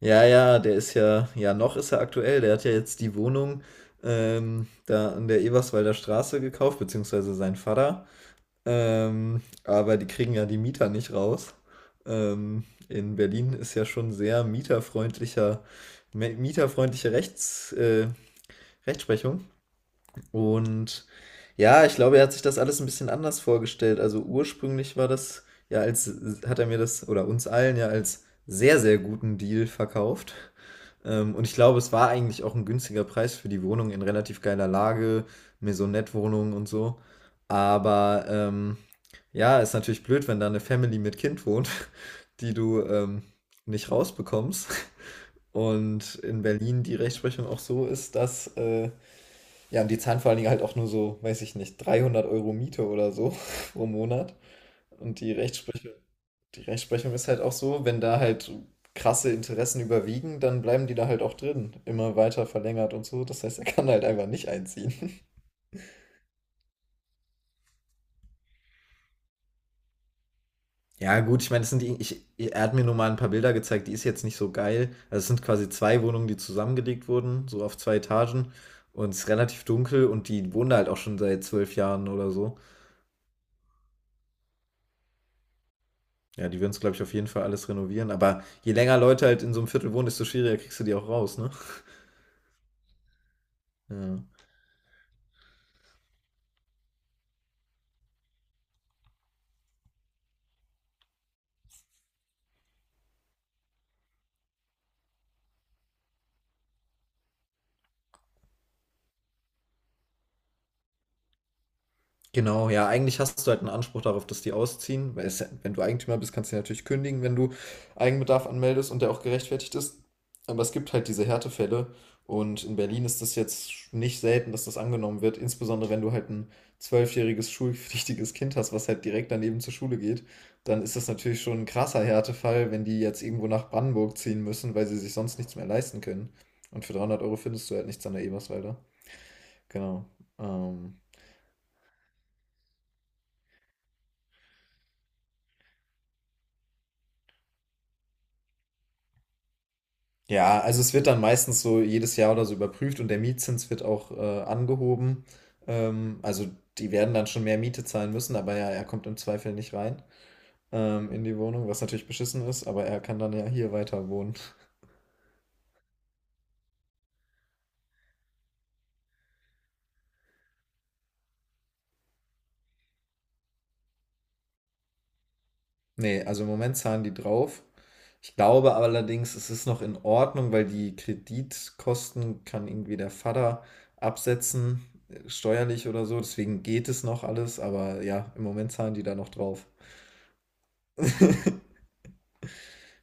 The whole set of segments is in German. Ja, ja, der ist ja ja, noch ist er aktuell. Der hat ja jetzt die Wohnung, da an der Eberswalder Straße gekauft, beziehungsweise sein Vater. Aber die kriegen ja die Mieter nicht raus. Ähm, in Berlin ist ja schon sehr mieterfreundliche Rechtsprechung. Und ja, ich glaube, er hat sich das alles ein bisschen anders vorgestellt. Also ursprünglich war das ja als, hat er mir das oder uns allen ja als sehr, sehr guten Deal verkauft. Und ich glaube, es war eigentlich auch ein günstiger Preis für die Wohnung in relativ geiler Lage, Maisonette-Wohnung und so. Aber ja, ist natürlich blöd, wenn da eine Family mit Kind wohnt, die du nicht rausbekommst. Und in Berlin die Rechtsprechung auch so ist, dass ja, und die zahlen vor allen Dingen halt auch nur so, weiß ich nicht, 300 Euro Miete oder so pro Monat. Und die Rechtsprechung ist halt auch so, wenn da halt krasse Interessen überwiegen, dann bleiben die da halt auch drin. Immer weiter verlängert und so. Das heißt, er kann halt einfach nicht einziehen. Ja, gut, ich meine, das sind die, ich, er hat mir nur mal ein paar Bilder gezeigt, die ist jetzt nicht so geil. Also es sind quasi zwei Wohnungen, die zusammengelegt wurden, so auf zwei Etagen. Und es ist relativ dunkel und die wohnen da halt auch schon seit 12 Jahren oder so. Ja, die würden es, glaube ich, auf jeden Fall alles renovieren. Aber je länger Leute halt in so einem Viertel wohnen, desto schwieriger kriegst du die auch raus, ne? Ja. Genau, ja, eigentlich hast du halt einen Anspruch darauf, dass die ausziehen, weil es, ja, wenn du Eigentümer bist, kannst du ja natürlich kündigen, wenn du Eigenbedarf anmeldest und der auch gerechtfertigt ist. Aber es gibt halt diese Härtefälle und in Berlin ist das jetzt nicht selten, dass das angenommen wird, insbesondere wenn du halt ein zwölfjähriges schulpflichtiges Kind hast, was halt direkt daneben zur Schule geht, dann ist das natürlich schon ein krasser Härtefall, wenn die jetzt irgendwo nach Brandenburg ziehen müssen, weil sie sich sonst nichts mehr leisten können. Und für 300 Euro findest du halt nichts an der Eberswalder. Genau. Ähm, Ja, also es wird dann meistens so jedes Jahr oder so überprüft und der Mietzins wird auch angehoben. Also die werden dann schon mehr Miete zahlen müssen, aber ja, er kommt im Zweifel nicht rein in die Wohnung, was natürlich beschissen ist, aber er kann dann ja hier weiter wohnen. Nee, also im Moment zahlen die drauf. Ich glaube allerdings, es ist noch in Ordnung, weil die Kreditkosten kann irgendwie der Vater absetzen, steuerlich oder so. Deswegen geht es noch alles, aber ja, im Moment zahlen die da noch drauf.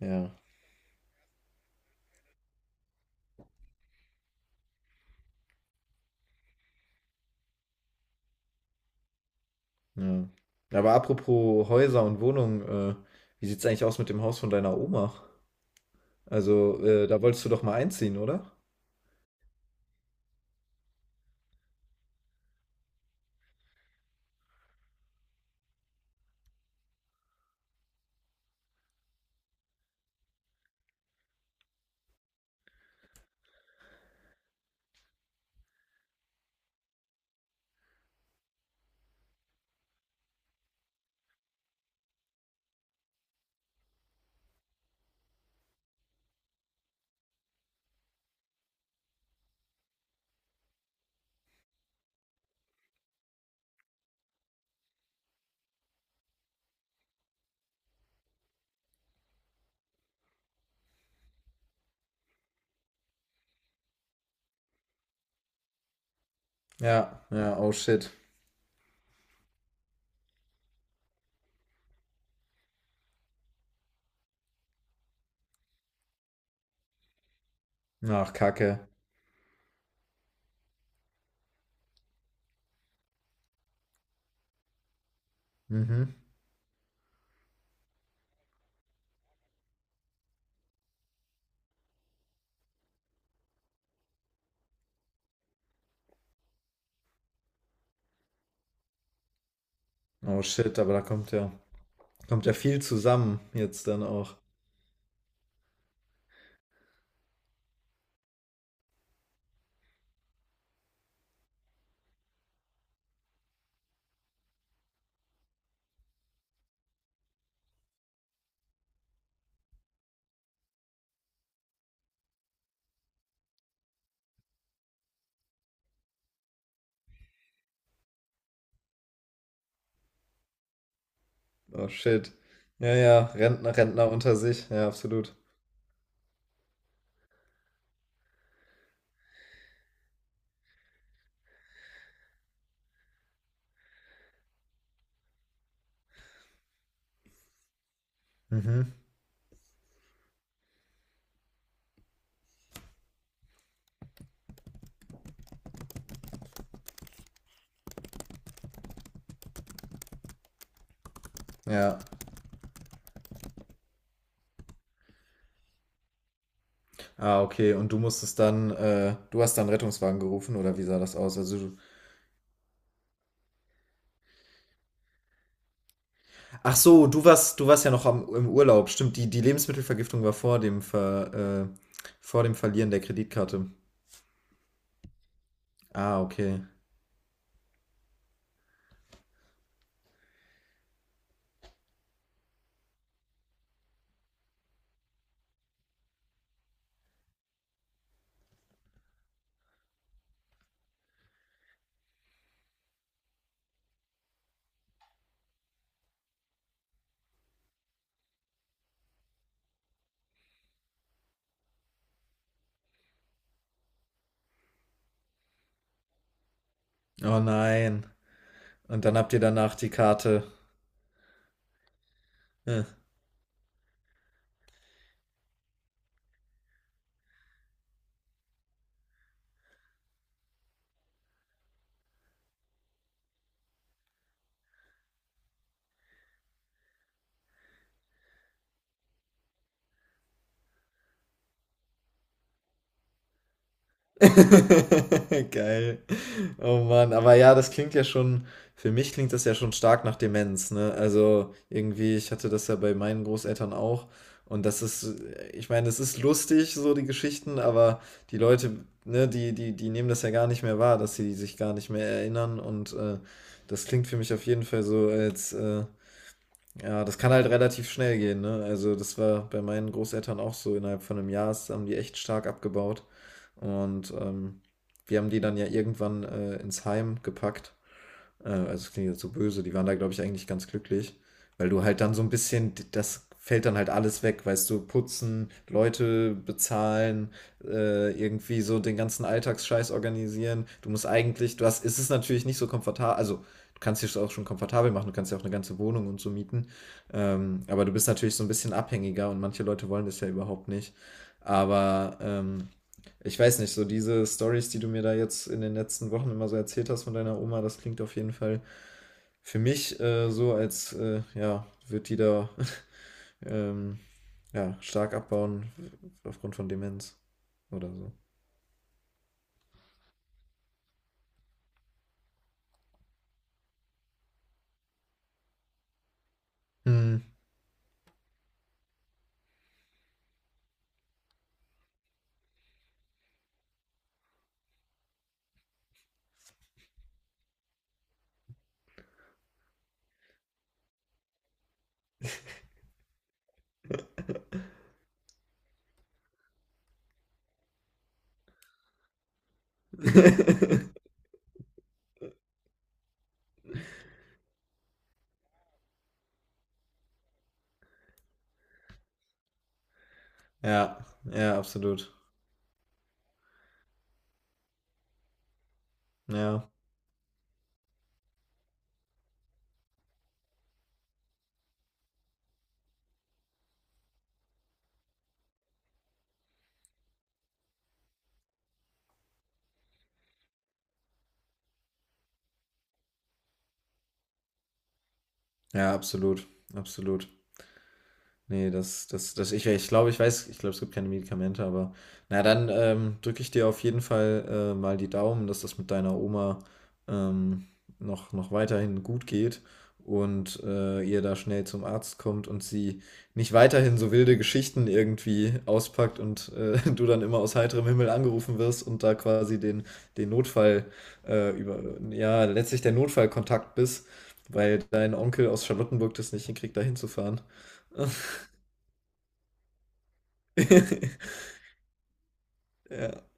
Ja. Ja. Ja, aber apropos Häuser und Wohnungen, wie sieht's eigentlich aus mit dem Haus von deiner Oma? Also, da wolltest du doch mal einziehen, oder? Ja, ja, oh shit. Ach, Kacke. Mhm. Oh shit, aber da kommt ja viel zusammen jetzt dann auch. Oh shit. Ja, ja, Rentner, Rentner unter sich, ja, absolut. Mhm. Ja. Ah, okay. Und du musstest dann, du hast dann Rettungswagen gerufen, oder wie sah das aus? Also, du, ach so, du warst ja noch am, im Urlaub. Stimmt, die Lebensmittelvergiftung war vor dem vor dem Verlieren der Kreditkarte. Ah, okay. Oh nein. Und dann habt ihr danach die Karte. Äh. Geil. Oh Mann, aber ja, das klingt ja schon, für mich klingt das ja schon stark nach Demenz, ne? Also irgendwie, ich hatte das ja bei meinen Großeltern auch. Und das ist, ich meine, es ist lustig, so die Geschichten, aber die Leute, ne, die nehmen das ja gar nicht mehr wahr, dass sie sich gar nicht mehr erinnern. Und das klingt für mich auf jeden Fall so, als ja, das kann halt relativ schnell gehen, ne? Also, das war bei meinen Großeltern auch so. Innerhalb von einem Jahr haben die echt stark abgebaut. Und wir haben die dann ja irgendwann ins Heim gepackt. Also es klingt jetzt so böse, die waren da, glaube ich, eigentlich ganz glücklich, weil du halt dann so ein bisschen, das fällt dann halt alles weg, weißt du, putzen, Leute bezahlen, irgendwie so den ganzen Alltagsscheiß organisieren. Du musst eigentlich, du hast, es ist natürlich nicht so komfortabel, also du kannst dich auch schon komfortabel machen, du kannst ja auch eine ganze Wohnung und so mieten, aber du bist natürlich so ein bisschen abhängiger und manche Leute wollen das ja überhaupt nicht. Aber ich weiß nicht, so diese Stories, die du mir da jetzt in den letzten Wochen immer so erzählt hast von deiner Oma, das klingt auf jeden Fall für mich so, als ja, wird die da ähm, ja, stark abbauen aufgrund von Demenz oder so. Hm. Ja, ja, absolut. Ja, ja, absolut, absolut. Nee, das ich glaube, ich glaube, es gibt keine Medikamente, aber na dann, drücke ich dir auf jeden Fall, mal die Daumen, dass das mit deiner Oma, ähm, noch weiterhin gut geht und, ihr da schnell zum Arzt kommt und sie nicht weiterhin so wilde Geschichten irgendwie auspackt und, du dann immer aus heiterem Himmel angerufen wirst und da quasi den den Notfall, über ja, letztlich der Notfallkontakt bist, weil dein Onkel aus Charlottenburg das nicht hinkriegt, da hinzufahren. Ja.